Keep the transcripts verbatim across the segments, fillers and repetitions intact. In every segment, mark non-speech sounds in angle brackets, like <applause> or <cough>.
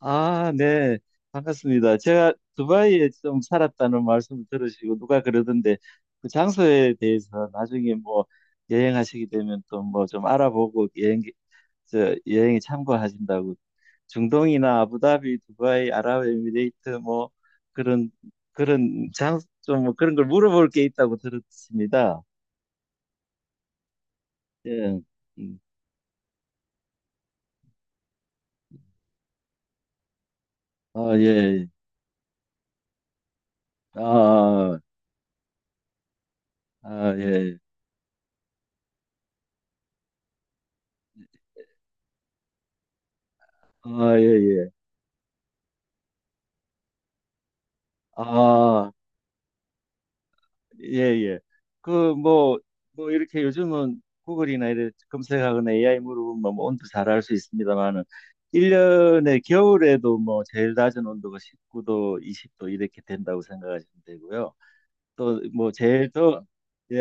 아, 네. 반갑습니다. 제가 두바이에 좀 살았다는 말씀을 들으시고 누가 그러던데 그 장소에 대해서 나중에 뭐 여행하시게 되면 또 뭐 좀 알아보고 여행 저 여행에 참고하신다고, 중동이나 아부다비, 두바이, 아랍에미레이트 뭐 그런 그런 장좀 뭐 그런 걸 물어볼 게 있다고 들었습니다. 예. 음. 아, 예. 아, 아, 예. 아, 예, 예. 아, 예, 예. 그, 뭐, 뭐, 이렇게 요즘은 구글이나 이래 검색하거나 에이아이 물어보면 뭐 온도 잘 알 수 있습니다만은, 일 년에 겨울에도 뭐 제일 낮은 온도가 십구 도, 이십 도 이렇게 된다고 생각하시면 되고요. 또 뭐 제일 더. 예, 예.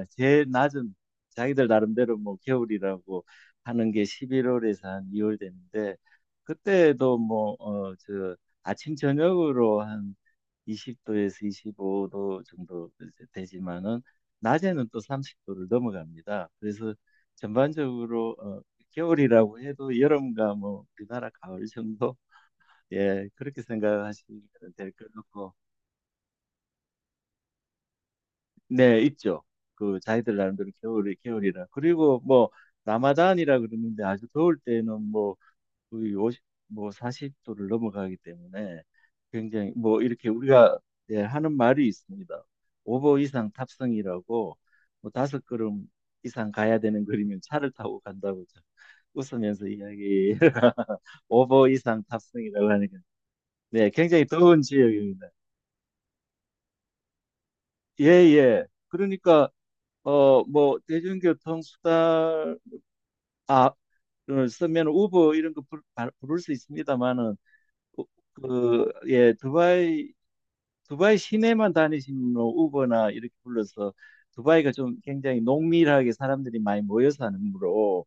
예. 제일 낮은, 자기들 나름대로 뭐 겨울이라고 하는 게 십일월에서 한 이월 되는데, 그때도 뭐 어 저 아침 저녁으로 한 이십 도에서 이십오 도 정도 이제 되지만은 낮에는 또 삼십 도를 넘어갑니다. 그래서 전반적으로 어 겨울이라고 해도 여름과 뭐 우리나라 가을 정도, 예, 그렇게 생각하시면 될 것 같고. 네, 있죠. 그 자기들 나름대로 겨울이 겨울이라. 그리고 뭐 라마단이라 그러는데, 아주 더울 때는 뭐 거의 오십, 뭐 사십 도를 넘어가기 때문에 굉장히 뭐 이렇게 우리가, 예, 하는 말이 있습니다. 오보 이상 탑승이라고, 뭐 다섯 걸음 이상 가야 되는 거리면 차를 타고 간다고 저 웃으면서 이야기 <laughs> 오보 이상 탑승이라고 하니까. 네, 굉장히 더운 지역입니다. 예, 예. 그러니까 어, 뭐 대중교통 수단을 쓰면 우버 이런 거 부를, 바- 부를 수 있습니다만은 그, 예, 두바이 두바이 시내만 다니시면 우버나 이렇게 불러서, 두바이가 좀 굉장히 농밀하게 사람들이 많이 모여 사는으로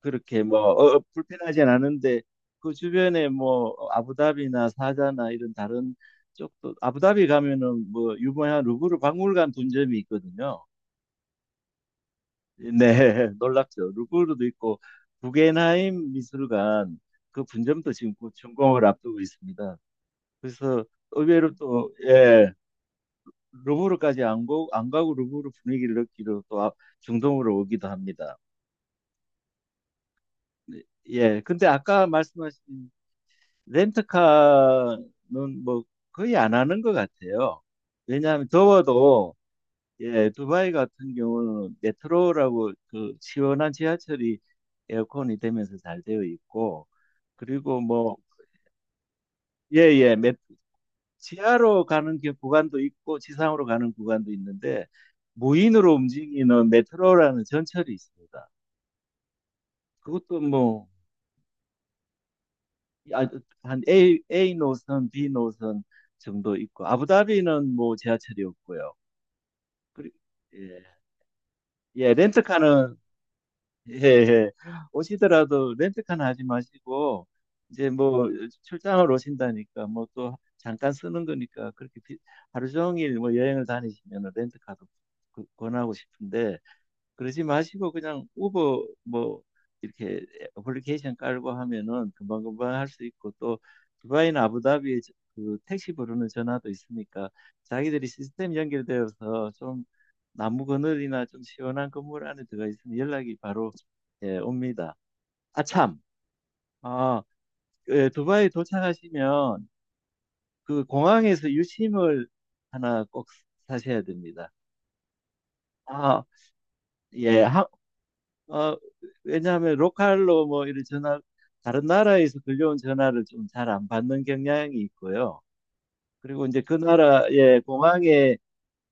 그렇게 뭐 어, 어, 불편하진 않은데 그 주변에 뭐 아부다비나 사자나 이런 다른 쪽도, 아부다비 가면은 뭐 유명한 루브르 박물관 분점이 있거든요. 네, <laughs> 놀랍죠. 루브르도 있고 구겐하임 미술관 그 분점도 지금 곧 준공을 앞두고 있습니다. 그래서 의외로 또, 예, 루브르까지 안, 고, 안 가고 루브르 분위기를 느끼러 또 아- 중동으로 오기도 합니다. 예, 근데 아까 말씀하신 렌트카는 뭐 거의 안 하는 것 같아요. 왜냐하면 더워도, 예, 두바이 같은 경우는 메트로라고 그 시원한 지하철이 에어컨이 되면서 잘 되어 있고. 그리고 뭐, 예, 예, 몇, 지하로 가는 게 구간도 있고 지상으로 가는 구간도 있는데 무인으로 움직이는 메트로라는 전철이 있습니다. 그것도 뭐, 아, 한 A, A 노선, B 노선 정도 있고 아부다비는 뭐 지하철이 없고요. 그리, 예, 예, 렌트카는, 예, 예. 오시더라도 렌트카는 하지 마시고, 이제 뭐, 출장을 오신다니까, 뭐 또 잠깐 쓰는 거니까, 그렇게 비- 하루 종일 뭐 여행을 다니시면 렌트카도 그- 권하고 싶은데, 그러지 마시고 그냥 우버 뭐 이렇게 애플리케이션 깔고 하면은 금방금방 할 수 있고, 또 두바이나 아부다비에 저- 그 택시 부르는 전화도 있으니까 자기들이 시스템 연결되어서, 좀 나무 그늘이나 좀 시원한 건물 안에 들어가 있으면 연락이 바로, 예, 옵니다. 아 참, 아, 그, 예, 두바이 도착하시면 그 공항에서 유심을 하나 꼭 사셔야 됩니다. 아, 예, 어, 왜냐하면 로컬로 뭐 이런 전화, 다른 나라에서 들려온 전화를 좀 잘 안 받는 경향이 있고요. 그리고 이제 그 나라의 공항에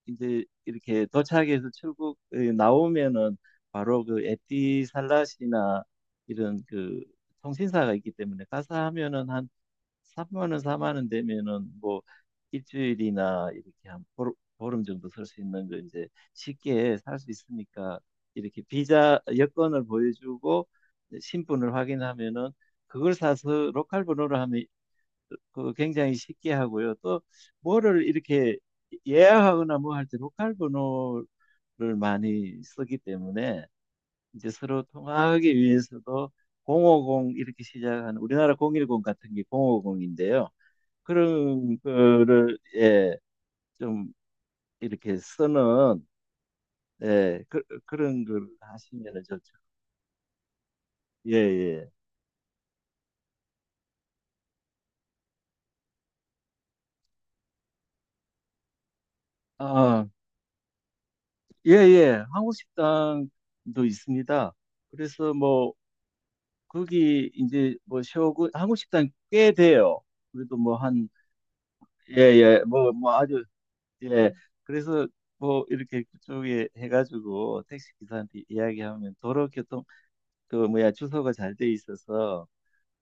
이제 이렇게 도착해서 출국, 에, 나오면은 바로 그 에티살랏이나 이런 그 통신사가 있기 때문에, 가서 하면은 삼만 원, 사만 원 되면은 뭐 일주일이나 이렇게 한 보름, 보름 정도 살 수 있는 거 이제 쉽게 살 수 있으니까, 이렇게 비자 여권을 보여주고 신분을 확인하면은 그걸 사서 로컬 번호로 하면 그 굉장히 쉽게 하고요. 또 뭐를 이렇게 예약하거나 뭐 할 때 로컬 번호를 많이 쓰기 때문에 이제 서로 통하기 위해서도 공오공 이렇게 시작하는 우리나라 공일공 같은 게 공오공인데요. 그런 거를, 예, 좀 이렇게 쓰는, 예, 그, 그런 걸 하시면은 좋죠. 예, 예. 아, 예, 예. 한국 식당도 있습니다. 그래서 뭐 거기 이제 뭐 쇼군 한국 식당 꽤 돼요. 그래도 뭐 한, 예, 예. 뭐 뭐 아주. 예. 그래서 뭐 이렇게 그쪽에 해가지고 택시 기사한테 이야기하면 도로교통 그 뭐야 주소가 잘 돼 있어서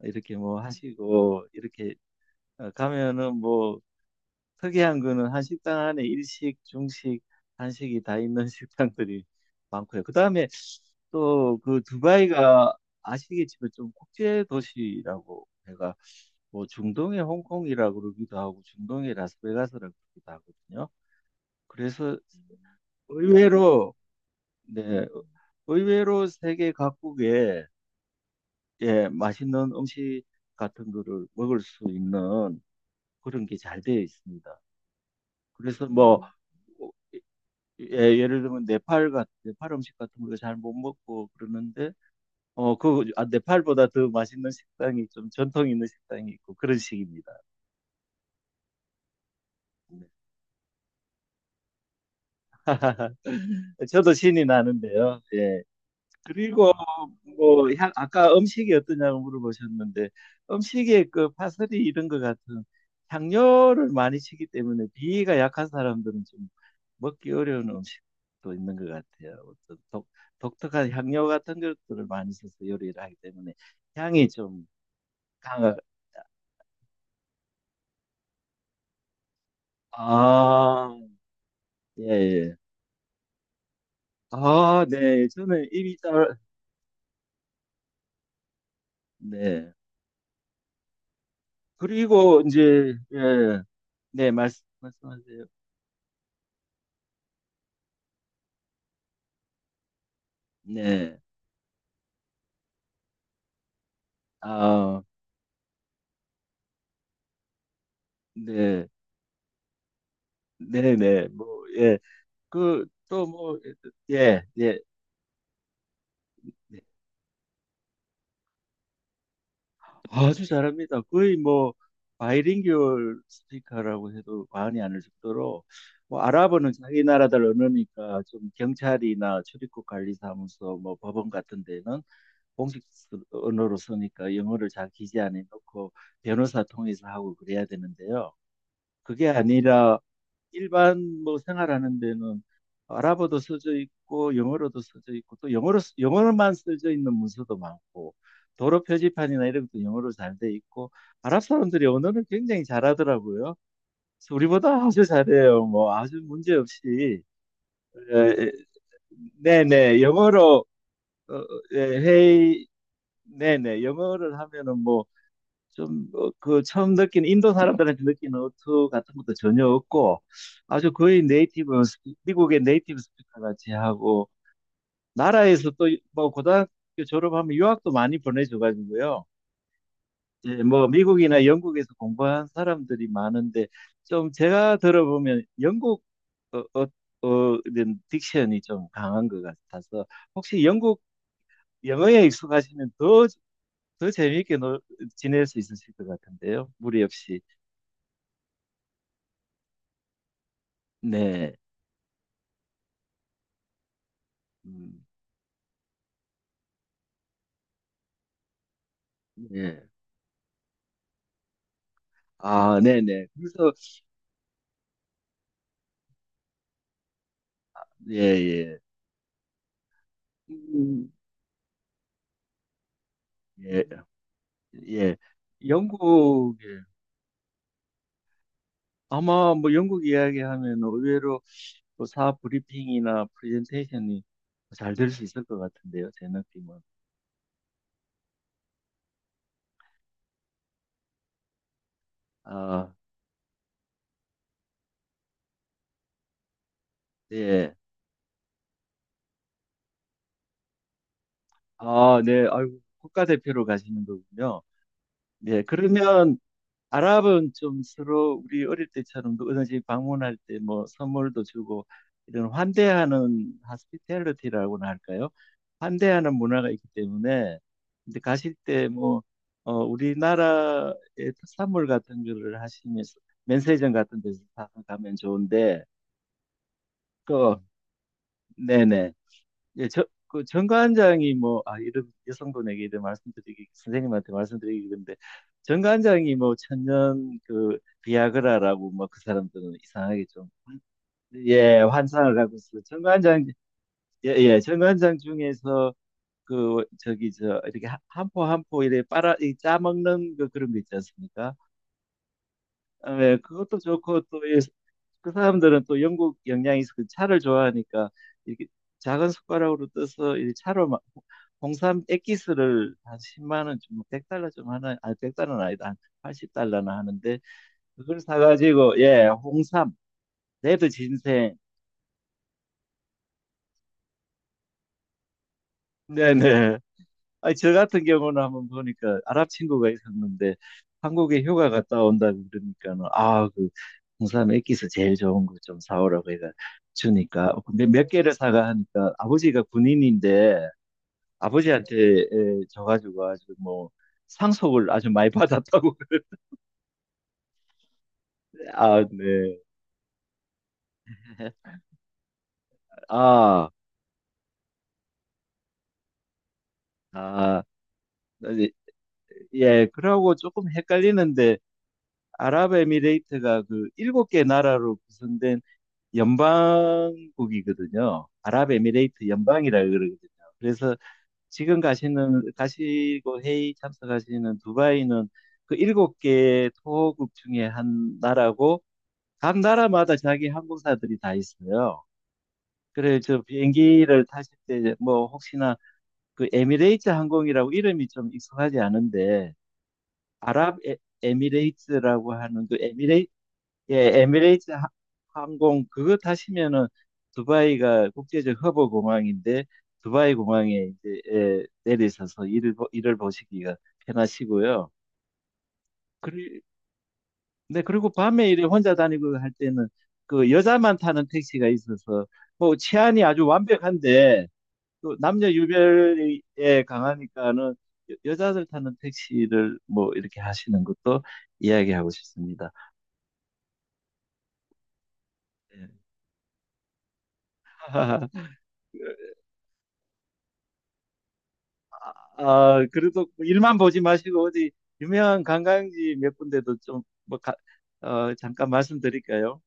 이렇게 뭐 하시고 이렇게 어, 가면은 뭐 특이한 거는 한 식당 안에 일식, 중식, 한식이 다 있는 <laughs> 식당들이 많고요. 그다음에 또 그 두바이가 아시겠지만 좀 국제 도시라고 제가 뭐 중동의 홍콩이라고 그러기도 하고 중동의 라스베가스라고 그러기도 하거든요. 그래서 의외로, 네, 의외로 세계 각국에, 예, 맛있는 음식 같은 거를 먹을 수 있는 그런 게 잘 되어 있습니다. 그래서 뭐. 음. 어, 예, 예를 들면 네팔 같 네팔 음식 같은 거 잘 못 먹고 그러는데 어그 아, 네팔보다 더 맛있는 식당이 좀 전통 있는 식당이 있고 그런 식입니다. 네. <laughs> 저도 신이 나는데요. 예. 그리고 뭐 향, 아까 음식이 어떠냐고 물어보셨는데 음식에 그 파슬리 이런 것 같은 향료를 많이 치기 때문에 비위가 약한 사람들은 좀 먹기 어려운 음식도 있는 것 같아요. 어떤 독, 독특한 향료 같은 것들을 많이 써서 요리를 하기 때문에 향이 좀 강하. 아, 예, 예. 아, 네. 저는 입이 잘. 네. 그리고 이제, 예, 네, 말씀 말씀하세요. 네. 아, 네, 네, 네, 뭐, 예, 그, 또 뭐, 예, 예, 예. 아주 잘합니다. 거의 뭐, 바이링구얼 스피커라고 해도 과언이 아닐 정도로, 뭐, 아랍어는 자기 나라들 언어니까 좀 경찰이나 출입국 관리사무소, 뭐, 법원 같은 데는 공식 언어로 쓰니까 영어를 잘 기재 안에 넣고 변호사 통해서 하고 그래야 되는데요. 그게 아니라, 일반 뭐 생활하는 데는 아랍어도 써져 있고 영어로도 써져 있고 또 영어로 영어로만 써져 있는 문서도 많고 도로 표지판이나 이런 것도 영어로 잘 돼 있고, 아랍 사람들이 언어를 굉장히 잘하더라고요. 그래서 우리보다 아주 잘해요. 뭐 아주 문제 없이, 에, 네네, 영어로. 어, 어, 예, 회의. 네네, 영어를 하면은 뭐 좀, 어, 그 처음 느낀 인도 사람들한테 느끼는 어투 같은 것도 전혀 없고 아주 거의 네이티브 스피- 미국의 네이티브 스피커 같이 하고 나라에서 또 뭐 고등학교 졸업하면 유학도 많이 보내줘가지고요. 이제 뭐 미국이나 영국에서 공부한 사람들이 많은데, 좀 제가 들어보면 영국, 어, 어, 어, 이런 딕션이 좀 강한 것 같아서 혹시 영국 영어에 익숙하시면 더 더 재미있게 놀- 지낼 수 있으실 것 같은데요. 무리 없이. 네. 음, 예. 아, 네네. 그래서, 예, 예. 음, 예, 예. 영국에, 아마 뭐 영국 이야기하면 의외로 또 사업 브리핑이나 프레젠테이션이 잘 될 수 있을 것 같은데요, 제 느낌은. 아, 예. 아, 네. 아이고, 국가대표로 가시는 거군요. 네. 그러면 아랍은 좀 서로 우리 어릴 때처럼 누구든지 방문할 때 뭐 선물도 주고 이런 환대하는 하스피텔리티라고나 할까요? 환대하는 문화가 있기 때문에 이제 가실 때 뭐, 어, 우리나라의 특산물 같은 거를 하시면서 면세점 같은 데서 사서 가면 좋은데, 그, 네네, 예, 저, 그 정관장이 뭐, 아, 이런 여성분에게 이런 말씀드리기, 선생님한테 말씀드리기 그런데, 정관장이 뭐, 천년 그, 비아그라라고, 뭐, 그 사람들은 이상하게 좀, 예, 환상을 갖고 있어요. 정관장, 예, 예, 정관장 중에서 그, 저기, 저, 이렇게 한포 한포 이렇게 빨아, 이 짜먹는 그 그런 거 있지 않습니까? 아, 네, 그것도 좋고 또 이, 그 사람들은 또 영국 영향이 있어 서 차를 좋아하니까 이렇게 작은 숟가락으로 떠서 이 차로 막 홍삼 액기스를 한 십만 원 좀, 백 달러 좀 하나, 아일 달러는 아니다. 한 팔십 달러나 하는데 그걸 사가지고, 예, 홍삼, 레드 진생. 네네. 아니, 저 같은 경우는 한번 보니까 아랍 친구가 있었는데 한국에 휴가 갔다 온다고 그러니까는, 아, 그 홍삼 액기스 제일 좋은 거 좀 사오라고 해서 주니까, 근데 몇 개를 사가 하니까 아버지가 군인인데 아버지한테, 에, 줘가지고 아주 뭐 상속을 아주 많이 받았다고 <laughs> 그래. 아, 네. <laughs> 아, 아, 네. 예, 그러고 조금 헷갈리는데 아랍에미레이트가 그 일곱 개 나라로 구성된 연방국이거든요. 아랍에미레이트 연방이라 그러거든요. 그래서 지금 가시는 가시고 회의 참석하시는 두바이는 그 일곱 개 토호국 중에 한 나라고, 각 나라마다 자기 항공사들이 다 있어요. 그래서 비행기를 타실 때 뭐 혹시나 그 에미레이트 항공이라고 이름이 좀 익숙하지 않은데, 아랍 에, 미레이트라고 하는 그 에미레이트, 예, 에미레이트 하- 항공 그거 타시면은, 두바이가 국제적 허브 공항인데 두바이 공항에 이제, 예, 내리셔서 일을 보- 일을 보시기가 편하시고요. 그리, 네, 그리고 밤에 이래 혼자 다니고 할 때는 그 여자만 타는 택시가 있어서 뭐 치안이 아주 완벽한데 또 남녀 유별이, 예, 강하니까는 여- 여자들 타는 택시를 뭐 이렇게 하시는 것도 이야기하고 싶습니다. 예. <laughs> 아, 그래도 뭐 일만 보지 마시고 어디 유명한 관광지 몇 군데도 좀 뭐, 가, 어, 잠깐 말씀드릴까요?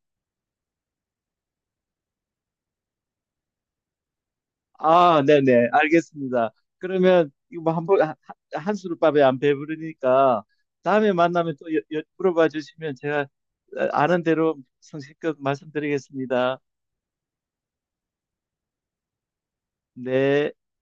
아, 네네, 알겠습니다. 그러면 이거 뭐 한번 한, 한 수르밥에 안 배부르니까 다음에 만나면 또 여, 여- 물어봐 주시면 제가 어, 아는 대로 성실껏 말씀드리겠습니다. 네.